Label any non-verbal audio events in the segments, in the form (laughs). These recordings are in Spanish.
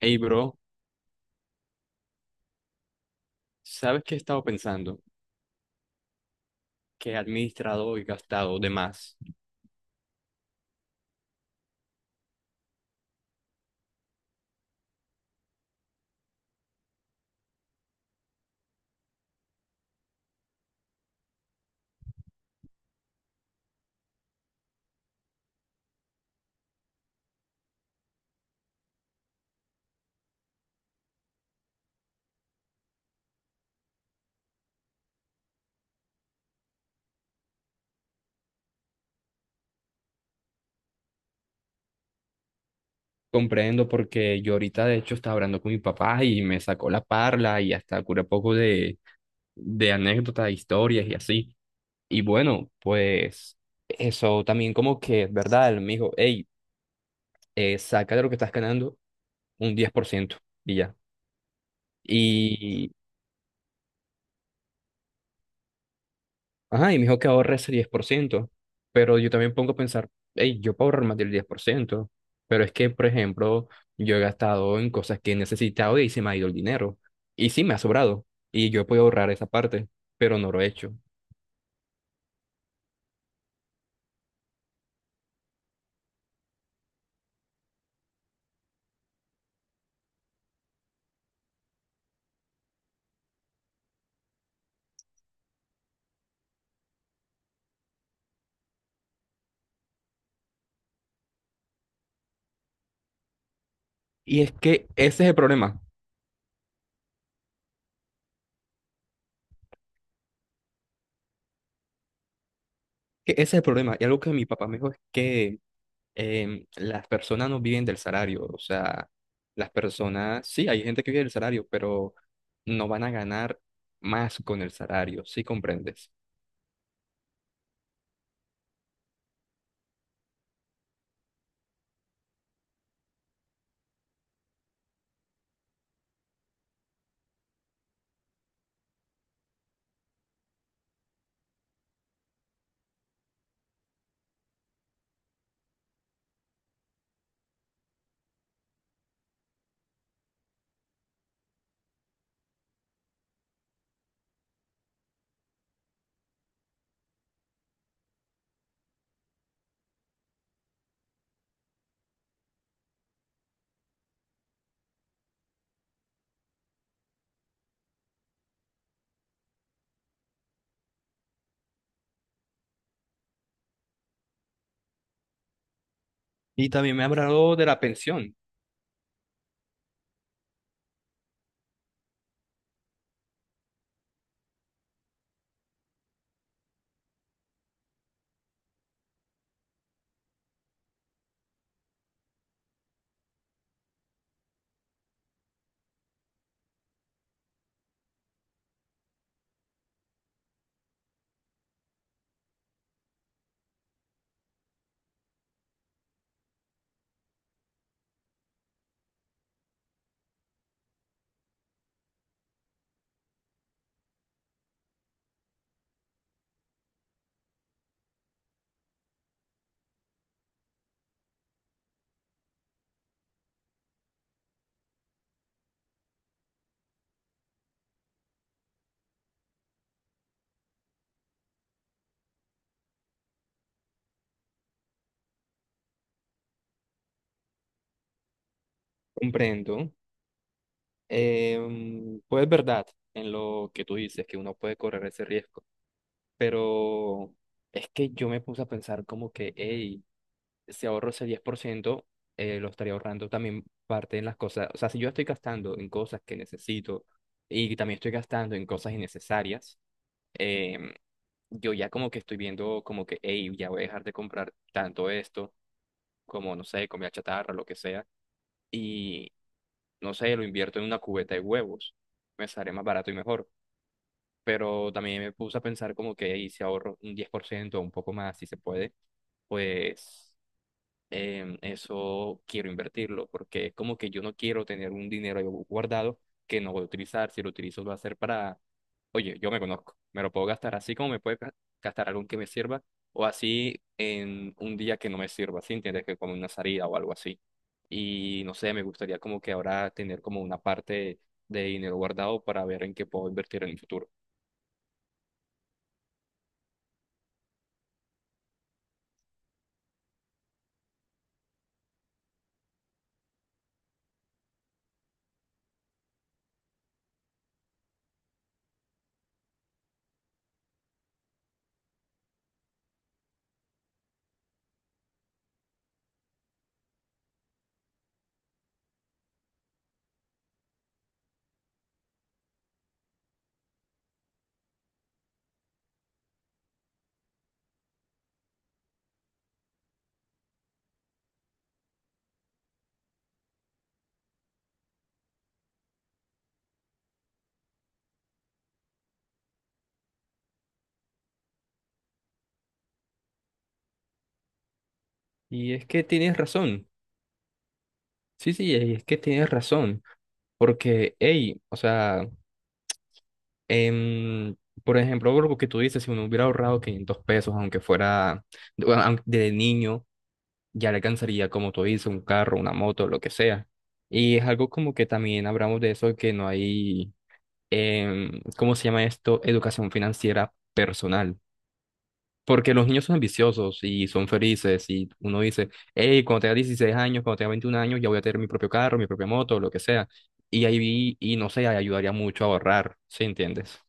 Hey, bro, ¿sabes qué he estado pensando? Que he administrado y gastado de más. Comprendo porque yo ahorita de hecho estaba hablando con mi papá y me sacó la parla y hasta cura poco de anécdotas, historias y así. Y bueno, pues eso también como que es verdad, él me dijo, hey, saca de lo que estás ganando un 10% y ya. Mm. Y Ajá, y me dijo que ahorre ese 10%, pero yo también pongo a pensar, hey, yo puedo ahorrar más del 10%, pero es que, por ejemplo, yo he gastado en cosas que he necesitado y se me ha ido el dinero, y sí me ha sobrado, y yo puedo ahorrar esa parte, pero no lo he hecho. Y es que ese es el problema, que ese es el problema, y algo que mi papá me dijo es que las personas no viven del salario, o sea, las personas, sí, hay gente que vive del salario, pero no van a ganar más con el salario, ¿sí comprendes? Y también me ha hablado de la pensión, comprendo. Pues es verdad en lo que tú dices, que uno puede correr ese riesgo, pero es que yo me puse a pensar como que, hey, si ahorro ese 10%, lo estaría ahorrando también parte en las cosas, o sea, si yo estoy gastando en cosas que necesito y también estoy gastando en cosas innecesarias, em, yo ya como que estoy viendo como que, hey, ya voy a dejar de comprar tanto esto como, no sé, comida chatarra, lo que sea. Y no sé, lo invierto en una cubeta de huevos, me sale más barato y mejor. Pero también me puse a pensar como que "Ey, si ahorro un 10% o un poco más, si se puede, pues eso quiero invertirlo, porque es como que yo no quiero tener un dinero ahí guardado que no voy a utilizar, si lo utilizo lo va a ser para oye, yo me conozco, me lo puedo gastar así como me puede gastar algo que me sirva o así en un día que no me sirva, ¿sí? ¿Entiendes? Que como una salida o algo así. Y no sé, me gustaría como que ahora tener como una parte de dinero guardado para ver en qué puedo invertir en el futuro. Y es que tienes razón. Sí, sí, y es que tienes razón. Porque, hey, o sea, em, por ejemplo, lo que tú dices, si uno hubiera ahorrado 500 pesos, aunque fuera bueno, de niño ya le alcanzaría, como tú dices, un carro, una moto, lo que sea. Y es algo como que también hablamos de eso, que no hay, ¿cómo se llama esto? Educación financiera personal. Porque los niños son ambiciosos y son felices y uno dice, hey, cuando tenga 16 años, cuando tenga 21 años, ya voy a tener mi propio carro, mi propia moto, lo que sea. Y ahí vi, y no sé, ahí ayudaría mucho a ahorrar, ¿sí entiendes?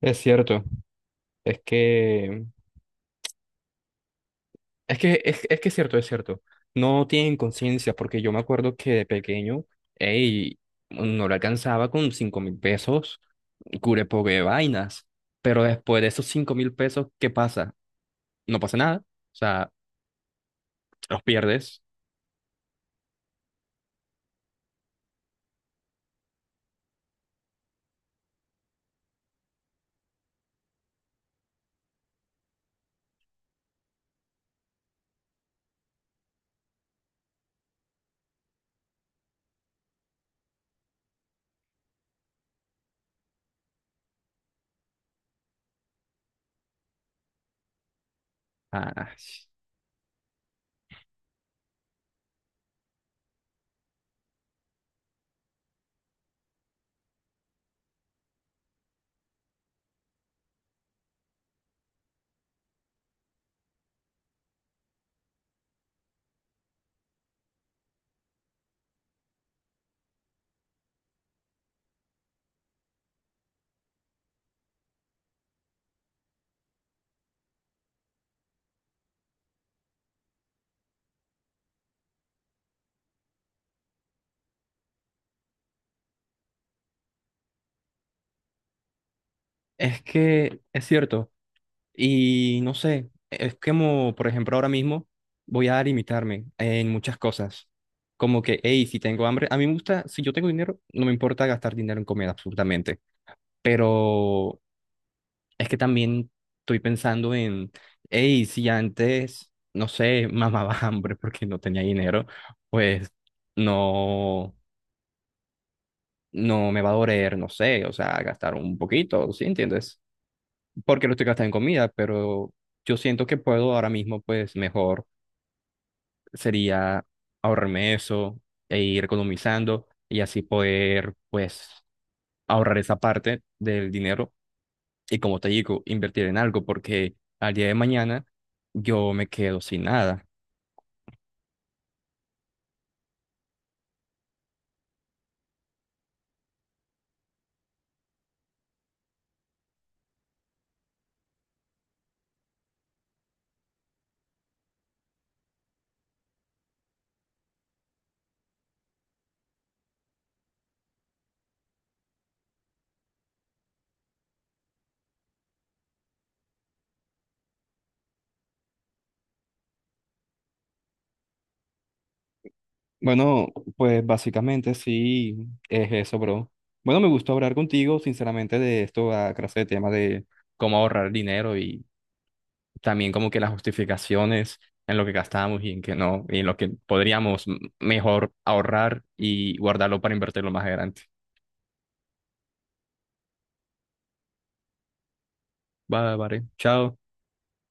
Es cierto, es que es cierto, es cierto. No tienen conciencia, porque yo me acuerdo que de pequeño, ey, no le alcanzaba con 5.000 pesos, cure pobre vainas. Pero después de esos 5.000 pesos, ¿qué pasa? No pasa nada. O sea, los pierdes. Ah, es que es cierto. Y no sé, es como, por ejemplo, ahora mismo voy a limitarme en muchas cosas. Como que, hey, si tengo hambre, a mí me gusta, si yo tengo dinero, no me importa gastar dinero en comida, absolutamente. Pero es que también estoy pensando en, hey, si antes, no sé, (laughs) mamaba hambre porque no tenía dinero, pues no, no me va a doler, no sé, o sea, gastar un poquito, ¿sí entiendes? Porque lo estoy gastando en comida, pero yo siento que puedo ahora mismo, pues mejor sería ahorrarme eso e ir economizando y así poder, pues, ahorrar esa parte del dinero. Y como te digo, invertir en algo porque al día de mañana yo me quedo sin nada. Bueno, pues básicamente sí es eso, bro. Bueno, me gustó hablar contigo, sinceramente, de esto, a clase de tema de... Cómo ahorrar dinero y también como que las justificaciones en lo que gastamos y en que no, y en lo que podríamos mejor ahorrar y guardarlo para invertirlo más adelante. Vale, vale. Chao.